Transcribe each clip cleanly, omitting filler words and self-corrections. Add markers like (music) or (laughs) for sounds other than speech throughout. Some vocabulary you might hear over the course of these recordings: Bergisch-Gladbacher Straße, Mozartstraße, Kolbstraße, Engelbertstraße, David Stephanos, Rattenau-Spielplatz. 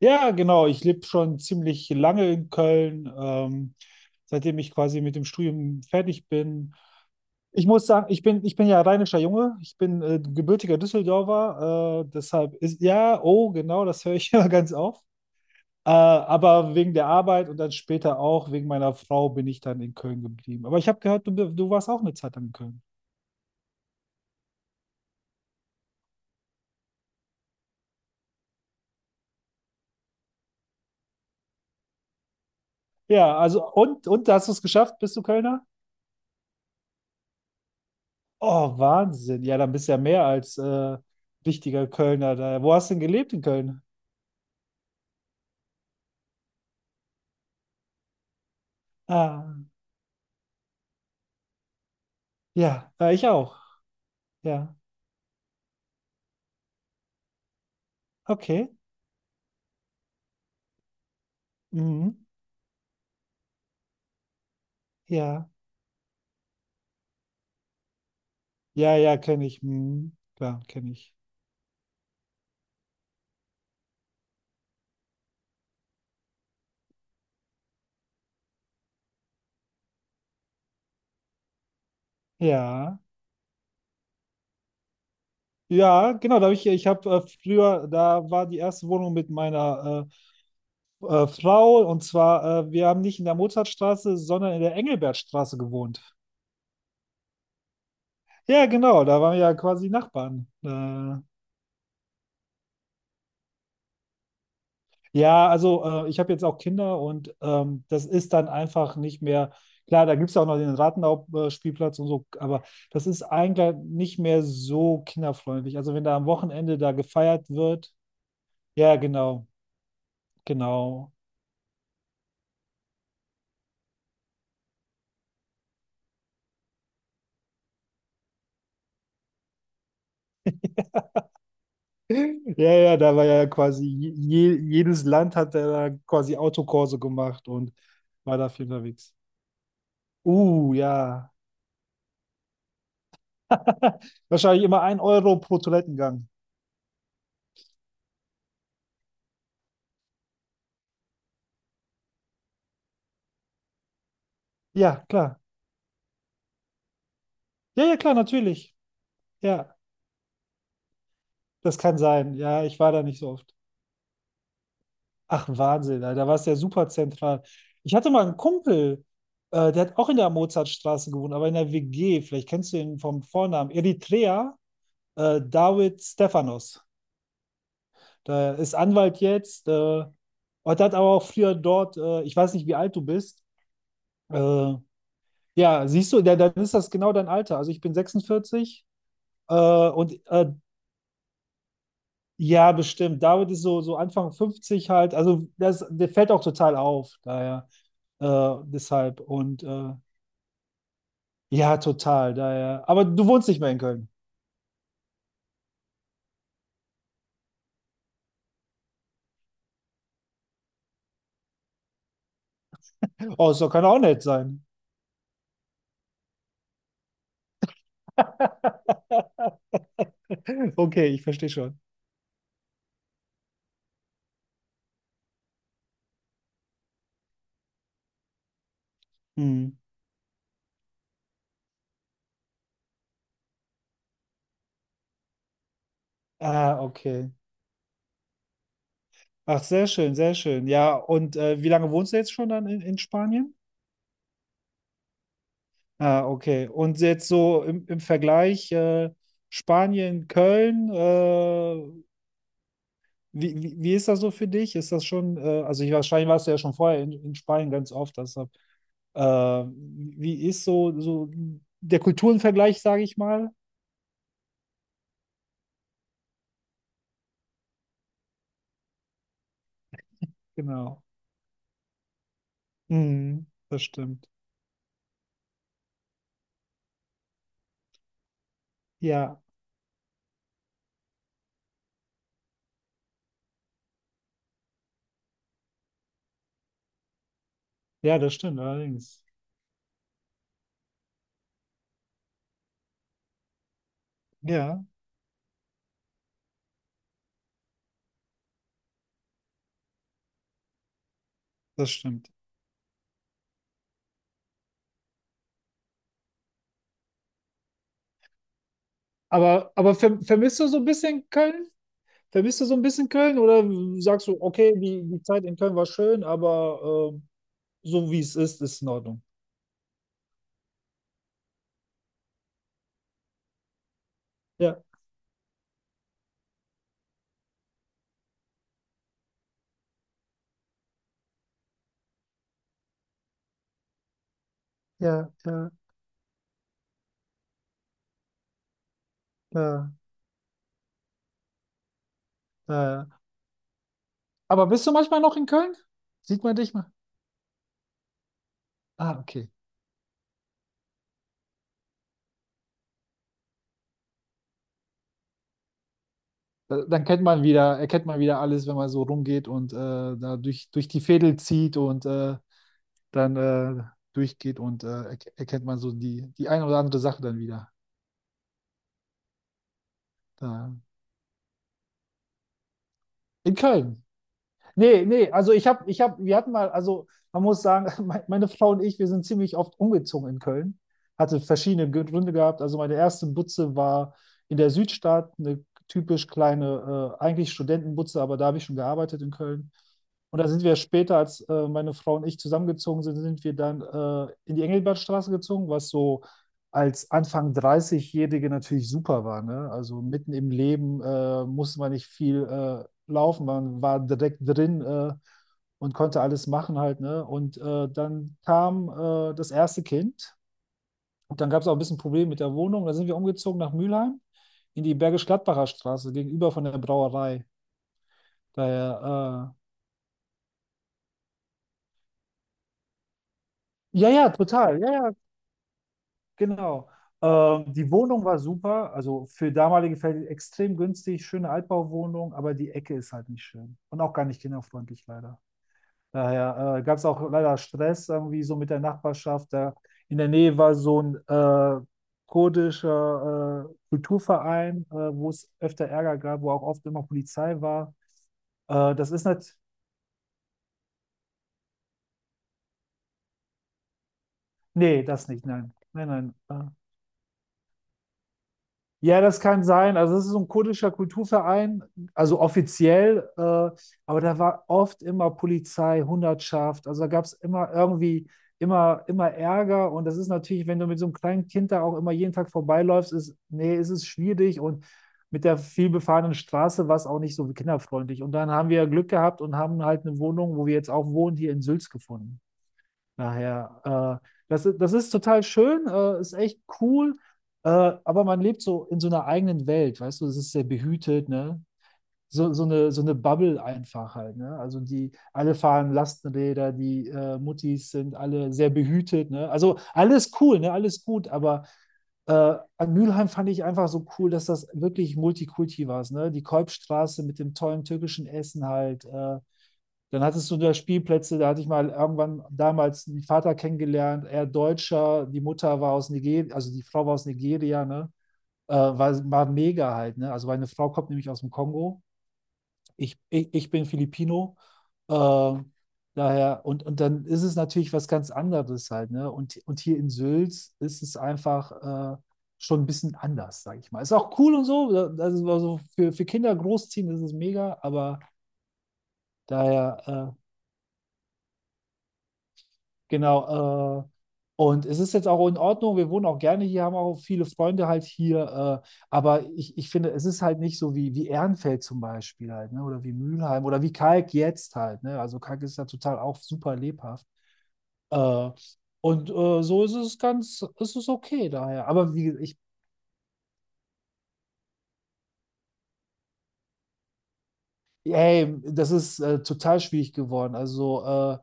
Ja, genau. Ich lebe schon ziemlich lange in Köln, seitdem ich quasi mit dem Studium fertig bin. Ich muss sagen, ich bin ja rheinischer Junge. Ich bin gebürtiger Düsseldorfer. Deshalb ist, ja, oh, genau, das höre ich (laughs) immer ganz oft. Aber wegen der Arbeit und dann später auch wegen meiner Frau bin ich dann in Köln geblieben. Aber ich habe gehört, du warst auch eine Zeit lang in Köln. Ja, also, und hast du es geschafft? Bist du Kölner? Oh, Wahnsinn. Ja, dann bist du ja mehr als wichtiger Kölner da. Wo hast du denn gelebt in Köln? Ah, ja, ich auch. Ja, okay. Mhm. Ja, ja, ja, kenne ich. Mhm. Klar, kenne ich. Ja, ja, genau. Da hab ich, ich habe früher, da war die erste Wohnung mit meiner Frau, und zwar, wir haben nicht in der Mozartstraße, sondern in der Engelbertstraße gewohnt. Ja, genau. Da waren wir ja quasi Nachbarn. Ja, also ich habe jetzt auch Kinder, und das ist dann einfach nicht mehr, klar, da gibt es ja auch noch den Rattenau-Spielplatz und so, aber das ist eigentlich nicht mehr so kinderfreundlich. Also wenn da am Wochenende da gefeiert wird, ja, genau, genau. (laughs) Ja, ja, da war ja quasi jedes Land hat da quasi Autokurse gemacht und war da viel unterwegs. Ja. Wahrscheinlich immer ein Euro pro Toilettengang. Ja, klar. Ja, ja, klar, natürlich. Ja. Das kann sein. Ja, ich war da nicht so oft. Ach, Wahnsinn, Alter, da war es ja super zentral. Ich hatte mal einen Kumpel, der hat auch in der Mozartstraße gewohnt, aber in der WG. Vielleicht kennst du ihn vom Vornamen. Eritrea, David Stephanos. Der ist Anwalt jetzt. Und hat aber auch früher dort, ich weiß nicht, wie alt du bist. Äh, ja, siehst du, der, dann ist das genau dein Alter. Also ich bin 46 äh, und äh, Ja, bestimmt. David ist so, so Anfang 50 halt. Also das, der fällt auch total auf, daher. Deshalb. Und ja, total, daher. Aber du wohnst nicht mehr in Köln. Oh, so kann er auch nett sein. (laughs) Okay, ich verstehe schon. Hm. Ah, okay. Ach, sehr schön, sehr schön. Ja, und wie lange wohnst du jetzt schon dann in Spanien? Ah, okay. Und jetzt so im Vergleich Spanien, Köln, wie ist das so für dich? Ist das schon, also ich, wahrscheinlich warst du ja schon vorher in Spanien ganz oft, deshalb, äh, wie ist so, so der Kulturenvergleich, sage ich mal? Genau. Mhm, das stimmt. Ja, ja, das stimmt allerdings. Ja, das stimmt. Aber vermisst du so ein bisschen Köln? Vermisst du so ein bisschen Köln, oder sagst du, okay, die Zeit in Köln war schön, aber so wie es ist, ist es in Ordnung? Ja, ja, ja, ja, ja. Aber bist du manchmal noch in Köln? Sieht man dich mal? Ah, okay. Da- Dann kennt man wieder, erkennt man wieder alles, wenn man so rumgeht und da durch die Veedel zieht und dann durchgeht und erkennt man so die, die eine oder andere Sache dann wieder. Da. In Köln. Nee, nee, also wir hatten mal, also man muss sagen, (laughs) meine Frau und ich, wir sind ziemlich oft umgezogen in Köln. Hatte verschiedene Gründe gehabt. Also meine erste Butze war in der Südstadt, eine typisch kleine, eigentlich Studentenbutze, aber da habe ich schon gearbeitet in Köln. Und da sind wir später, als meine Frau und ich zusammengezogen sind, sind wir dann in die Engelbertstraße gezogen, was so als Anfang 30-Jährige natürlich super war. Ne? Also mitten im Leben musste man nicht viel laufen, man war direkt drin und konnte alles machen halt, ne? Und dann kam das erste Kind, und dann gab es auch ein bisschen Probleme mit der Wohnung. Da sind wir umgezogen nach Mülheim in die Bergisch-Gladbacher Straße gegenüber von der Brauerei. Daher, ja, ja, total, ja, ja, genau. Die Wohnung war super, also für damalige Fälle extrem günstig, schöne Altbauwohnung, aber die Ecke ist halt nicht schön und auch gar nicht kinderfreundlich leider. Daher gab es auch leider Stress irgendwie so mit der Nachbarschaft. Da in der Nähe war so ein kurdischer Kulturverein, wo es öfter Ärger gab, wo auch oft immer Polizei war. Das ist nicht, nee, das nicht, nein, nein, nein. Ja, das kann sein. Also es ist so ein kurdischer Kulturverein, also offiziell, aber da war oft immer Polizei, Hundertschaft. Also da gab es immer irgendwie, immer, immer Ärger. Und das ist natürlich, wenn du mit so einem kleinen Kind da auch immer jeden Tag vorbeiläufst, ist, nee, ist es schwierig. Und mit der vielbefahrenen Straße war es auch nicht so kinderfreundlich. Und dann haben wir Glück gehabt und haben halt eine Wohnung, wo wir jetzt auch wohnen, hier in Sülz gefunden. Daher, das, das ist total schön, ist echt cool, äh, aber man lebt so in so einer eigenen Welt, weißt du, es ist sehr behütet, ne? So, so eine Bubble einfach halt, ne? Also die, alle fahren Lastenräder, die Muttis sind alle sehr behütet, ne? Also alles cool, ne? Alles gut, aber äh, an Mülheim fand ich einfach so cool, dass das wirklich Multikulti war, ne? Die Kolbstraße mit dem tollen türkischen Essen halt, dann hattest du da Spielplätze, da hatte ich mal irgendwann damals einen Vater kennengelernt, er Deutscher, die Mutter war aus Nigeria, also die Frau war aus Nigeria, ne? War, war mega halt, ne? Also meine Frau kommt nämlich aus dem Kongo, ich bin Filipino, äh, daher, und dann ist es natürlich was ganz anderes halt, ne? Und hier in Sülz ist es einfach schon ein bisschen anders, sage ich mal. Ist auch cool und so, das ist also für Kinder großziehen, das ist mega, aber daher genau, und es ist jetzt auch in Ordnung, wir wohnen auch gerne hier, haben auch viele Freunde halt hier, aber ich finde, es ist halt nicht so wie, wie Ehrenfeld zum Beispiel halt, ne? Oder wie Mülheim oder wie Kalk jetzt halt, ne? Also Kalk ist ja total auch super lebhaft. Äh, und so ist es ganz, ist es okay daher. Aber wie gesagt, ich, hey, das ist total schwierig geworden. Also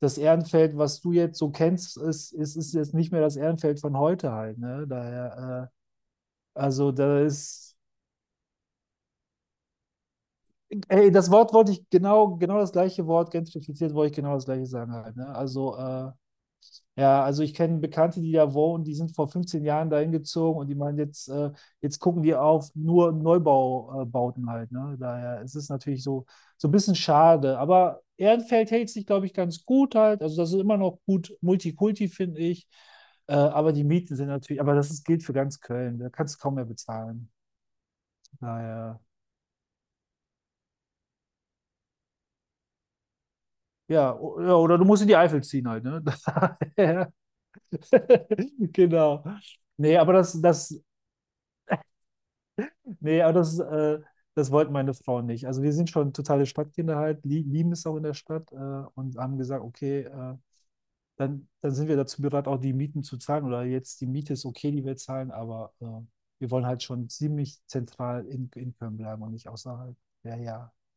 das Ehrenfeld, was du jetzt so kennst, ist jetzt nicht mehr das Ehrenfeld von heute halt, ne? Daher. Also da ist, ey, das Wort wollte ich genau, genau das gleiche Wort, gentrifiziert wollte ich genau das gleiche sagen halt, ne? Also, ja, also ich kenne Bekannte, die da wohnen, die sind vor 15 Jahren dahin gezogen und die meinen jetzt, jetzt gucken die auf nur Neubaubauten halt, ne? Daher ist es natürlich so, so ein bisschen schade, aber Ehrenfeld hält sich, glaube ich, ganz gut halt, also das ist immer noch gut Multikulti, finde ich, aber die Mieten sind natürlich, aber das ist, gilt für ganz Köln, da kannst du kaum mehr bezahlen, daher... Ja, o- ja, oder du musst in die Eifel ziehen halt, ne? (laughs) Das, ja, (laughs) genau. Nee, aber das, das, nee, aber das, das wollten meine Frauen nicht. Also wir sind schon totale Stadtkinder halt, lieben es auch in der Stadt und haben gesagt, okay, dann sind wir dazu bereit, auch die Mieten zu zahlen. Oder jetzt die Miete ist okay, die wir zahlen, aber wir wollen halt schon ziemlich zentral in Köln bleiben und nicht außerhalb. Ja, ja.